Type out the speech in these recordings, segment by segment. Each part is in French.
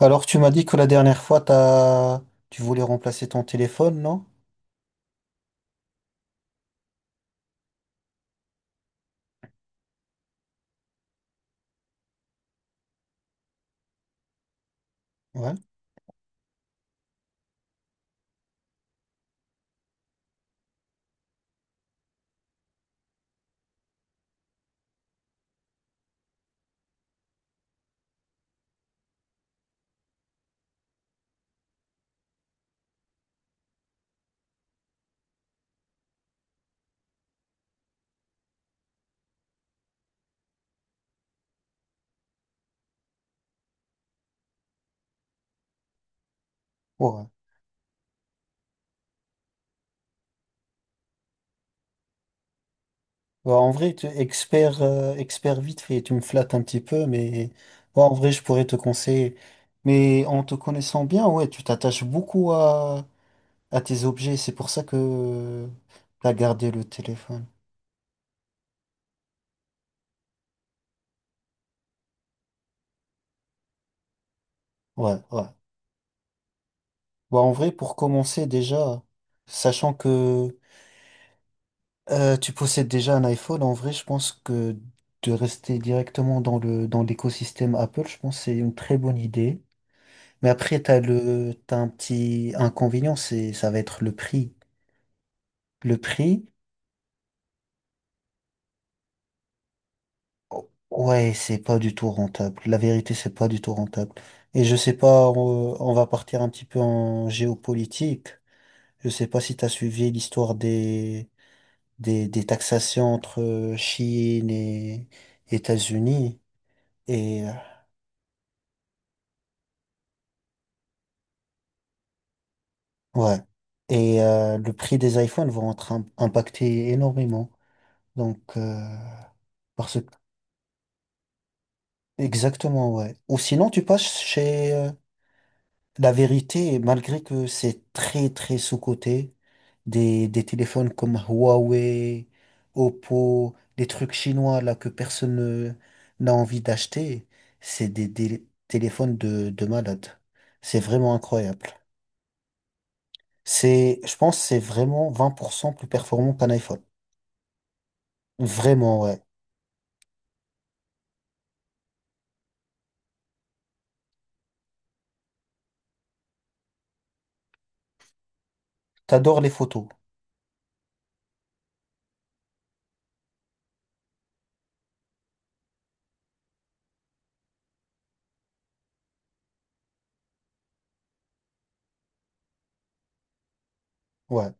Alors, tu m'as dit que la dernière fois, t'as... tu voulais remplacer ton téléphone, non? Ouais. Ouais. Bah, en vrai, tu expert, expert vite fait, tu me flattes un petit peu, mais ouais, en vrai, je pourrais te conseiller. Mais en te connaissant bien, ouais, tu t'attaches beaucoup à tes objets. C'est pour ça que t'as gardé le téléphone. Ouais, ouais. Bah, en vrai, pour commencer déjà, sachant que tu possèdes déjà un iPhone, en vrai, je pense que de rester directement dans le, dans l'écosystème Apple, je pense que c'est une très bonne idée. Mais après, t'as le, t'as un petit inconvénient, c'est, ça va être le prix. Le prix, ouais, c'est pas du tout rentable. La vérité, c'est pas du tout rentable. Et je sais pas, on va partir un petit peu en géopolitique. Je sais pas si t'as suivi l'histoire des taxations entre Chine et États-Unis. Et euh, Ouais. Et le prix des iPhones vont être impactés énormément. Donc, parce que... Exactement, ouais. Ou sinon, tu passes chez la vérité, malgré que c'est très, très sous-coté, des téléphones comme Huawei, Oppo, des trucs chinois là que personne n'a envie d'acheter, c'est des téléphones de malade. C'est vraiment incroyable. C'est, je pense, que c'est vraiment 20% plus performant qu'un iPhone. Vraiment, ouais. T'adores les photos. Ouais.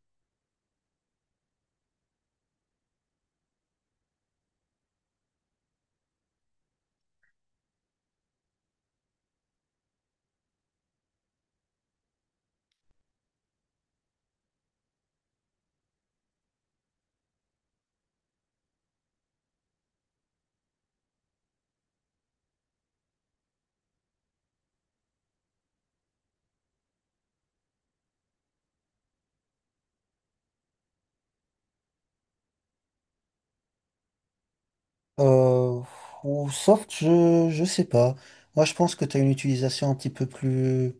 Euh, ou soft, je sais pas. Moi, je pense que t'as une utilisation un petit peu plus,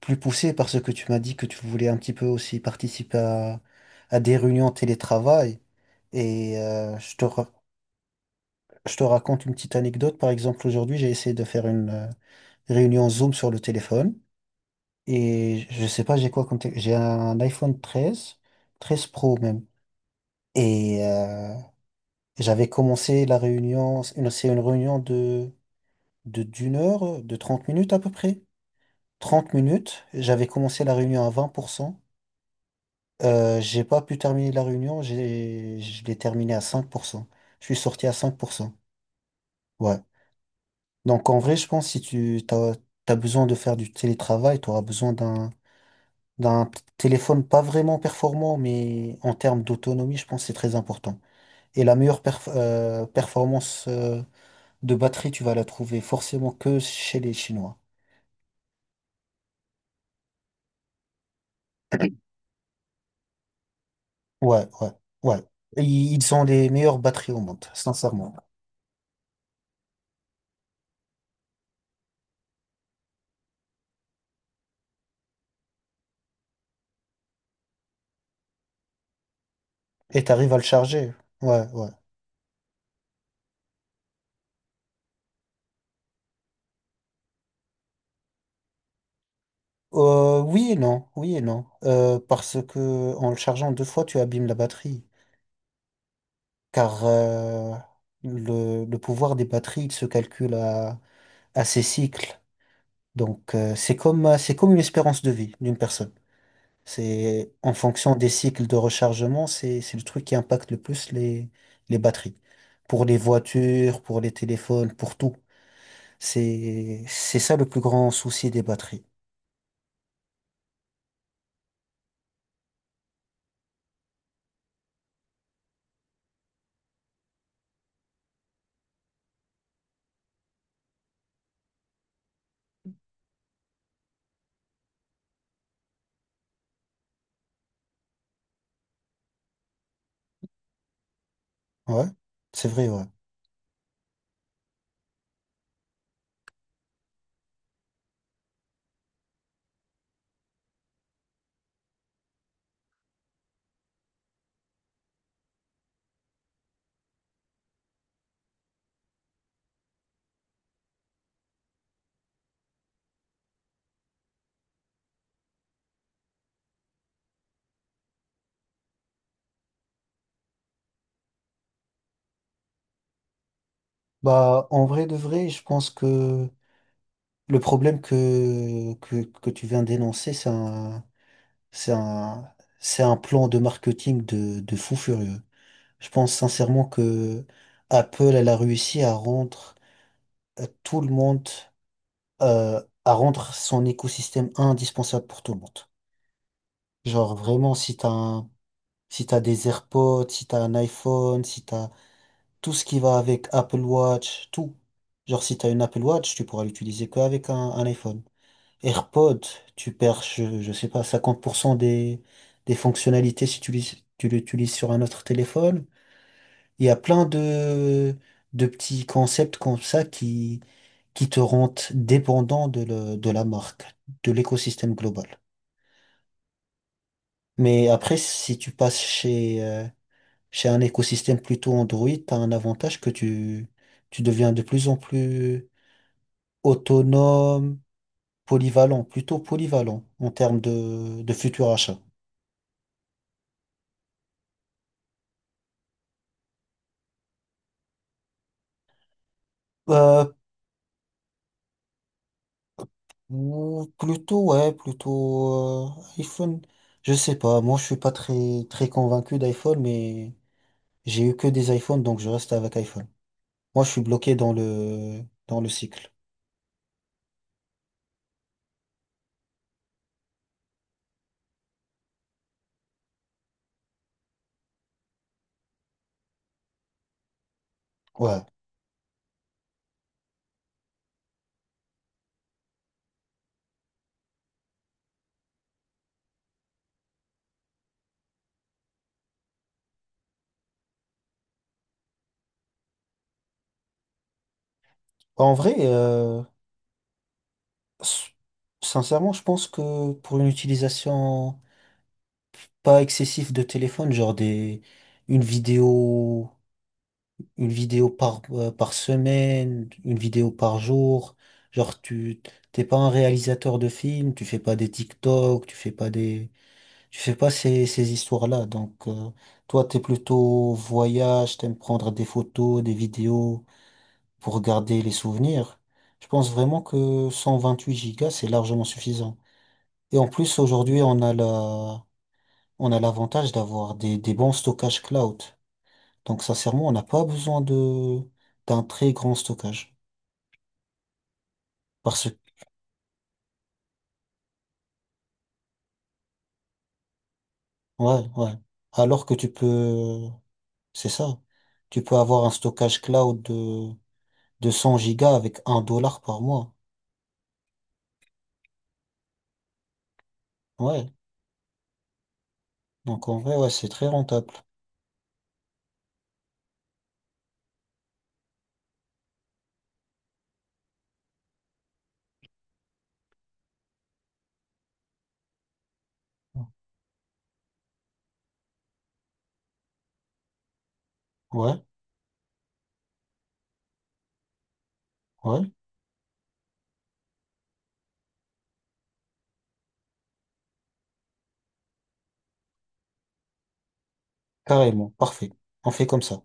plus poussée parce que tu m'as dit que tu voulais un petit peu aussi participer à des réunions télétravail. Et je te raconte une petite anecdote. Par exemple, aujourd'hui, j'ai essayé de faire une réunion Zoom sur le téléphone. Et je sais pas, j'ai quoi comme... J'ai un iPhone 13 13 Pro même. Et euh, Et j'avais commencé la réunion, c'est une réunion de, d'1 heure, de 30 minutes à peu près. 30 minutes, j'avais commencé la réunion à 20%. J'ai pas pu terminer la réunion, j'ai, je l'ai terminée à 5%. Je suis sorti à 5%. Ouais. Donc en vrai, je pense si tu t'as, t'as besoin de faire du télétravail, tu auras besoin d'un, d'un téléphone pas vraiment performant, mais en termes d'autonomie, je pense que c'est très important. Et la meilleure performance de batterie, tu vas la trouver forcément que chez les Chinois. Ouais, ouais, ouais. Et ils ont les meilleures batteries au monde, sincèrement. Et t'arrives à le charger. Ouais, ouais. Oui et non, oui et non. Parce que en le chargeant 2 fois, tu abîmes la batterie. Car le pouvoir des batteries, il se calcule à ses cycles. Donc c'est comme une espérance de vie d'une personne. C'est en fonction des cycles de rechargement, c'est le truc qui impacte le plus les batteries. Pour les voitures, pour les téléphones, pour tout. C'est ça le plus grand souci des batteries. Ouais, c'est vrai, ouais. Bah en vrai de vrai, je pense que le problème que tu viens d'énoncer, c'est un c'est un c'est un plan de marketing de fou furieux. Je pense sincèrement que Apple, elle a réussi à rendre tout le monde à rendre son écosystème indispensable pour tout le monde. Genre vraiment, si t'as un, si t'as des AirPods, si t'as un iPhone, si t'as tout ce qui va avec Apple Watch, tout. Genre si t'as une Apple Watch, tu pourras l'utiliser qu'avec un iPhone. AirPods, tu perds, je sais pas, 50% des fonctionnalités si tu l'utilises sur un autre téléphone. Il y a plein de petits concepts comme ça qui te rendent dépendant de, de la marque, de l'écosystème global. Mais après, si tu passes chez, chez un écosystème plutôt Android, tu as un avantage que tu deviens de plus en plus autonome, polyvalent, plutôt polyvalent en termes de futurs achats. Euh, ou plutôt, ouais, plutôt iPhone. Je sais pas, moi je suis pas très, très convaincu d'iPhone, mais j'ai eu que des iPhones, donc je reste avec iPhone. Moi, je suis bloqué dans le cycle. Ouais. Bah, en vrai, s- sincèrement, je pense que pour une utilisation pas excessive de téléphone, genre des, une vidéo, une vidéo par, par semaine, une vidéo par jour, genre tu, t'es pas un réalisateur de films, tu fais pas des TikTok, tu fais pas des, tu fais pas ces, ces histoires-là. Donc, toi, t'es plutôt voyage, t'aimes prendre des photos, des vidéos, pour garder les souvenirs. Je pense vraiment que 128 gigas, c'est largement suffisant. Et en plus, aujourd'hui, on a la, on a l'avantage d'avoir des bons stockages cloud. Donc, sincèrement, on n'a pas besoin de, d'un très grand stockage. Parce que, ouais, ouais. Alors que tu peux, c'est ça. Tu peux avoir un stockage cloud de 100 gigas avec 1 dollar par mois. Ouais. Donc, en vrai, ouais, c'est très rentable. Ouais, ouais. Carrément. Parfait. On fait comme ça.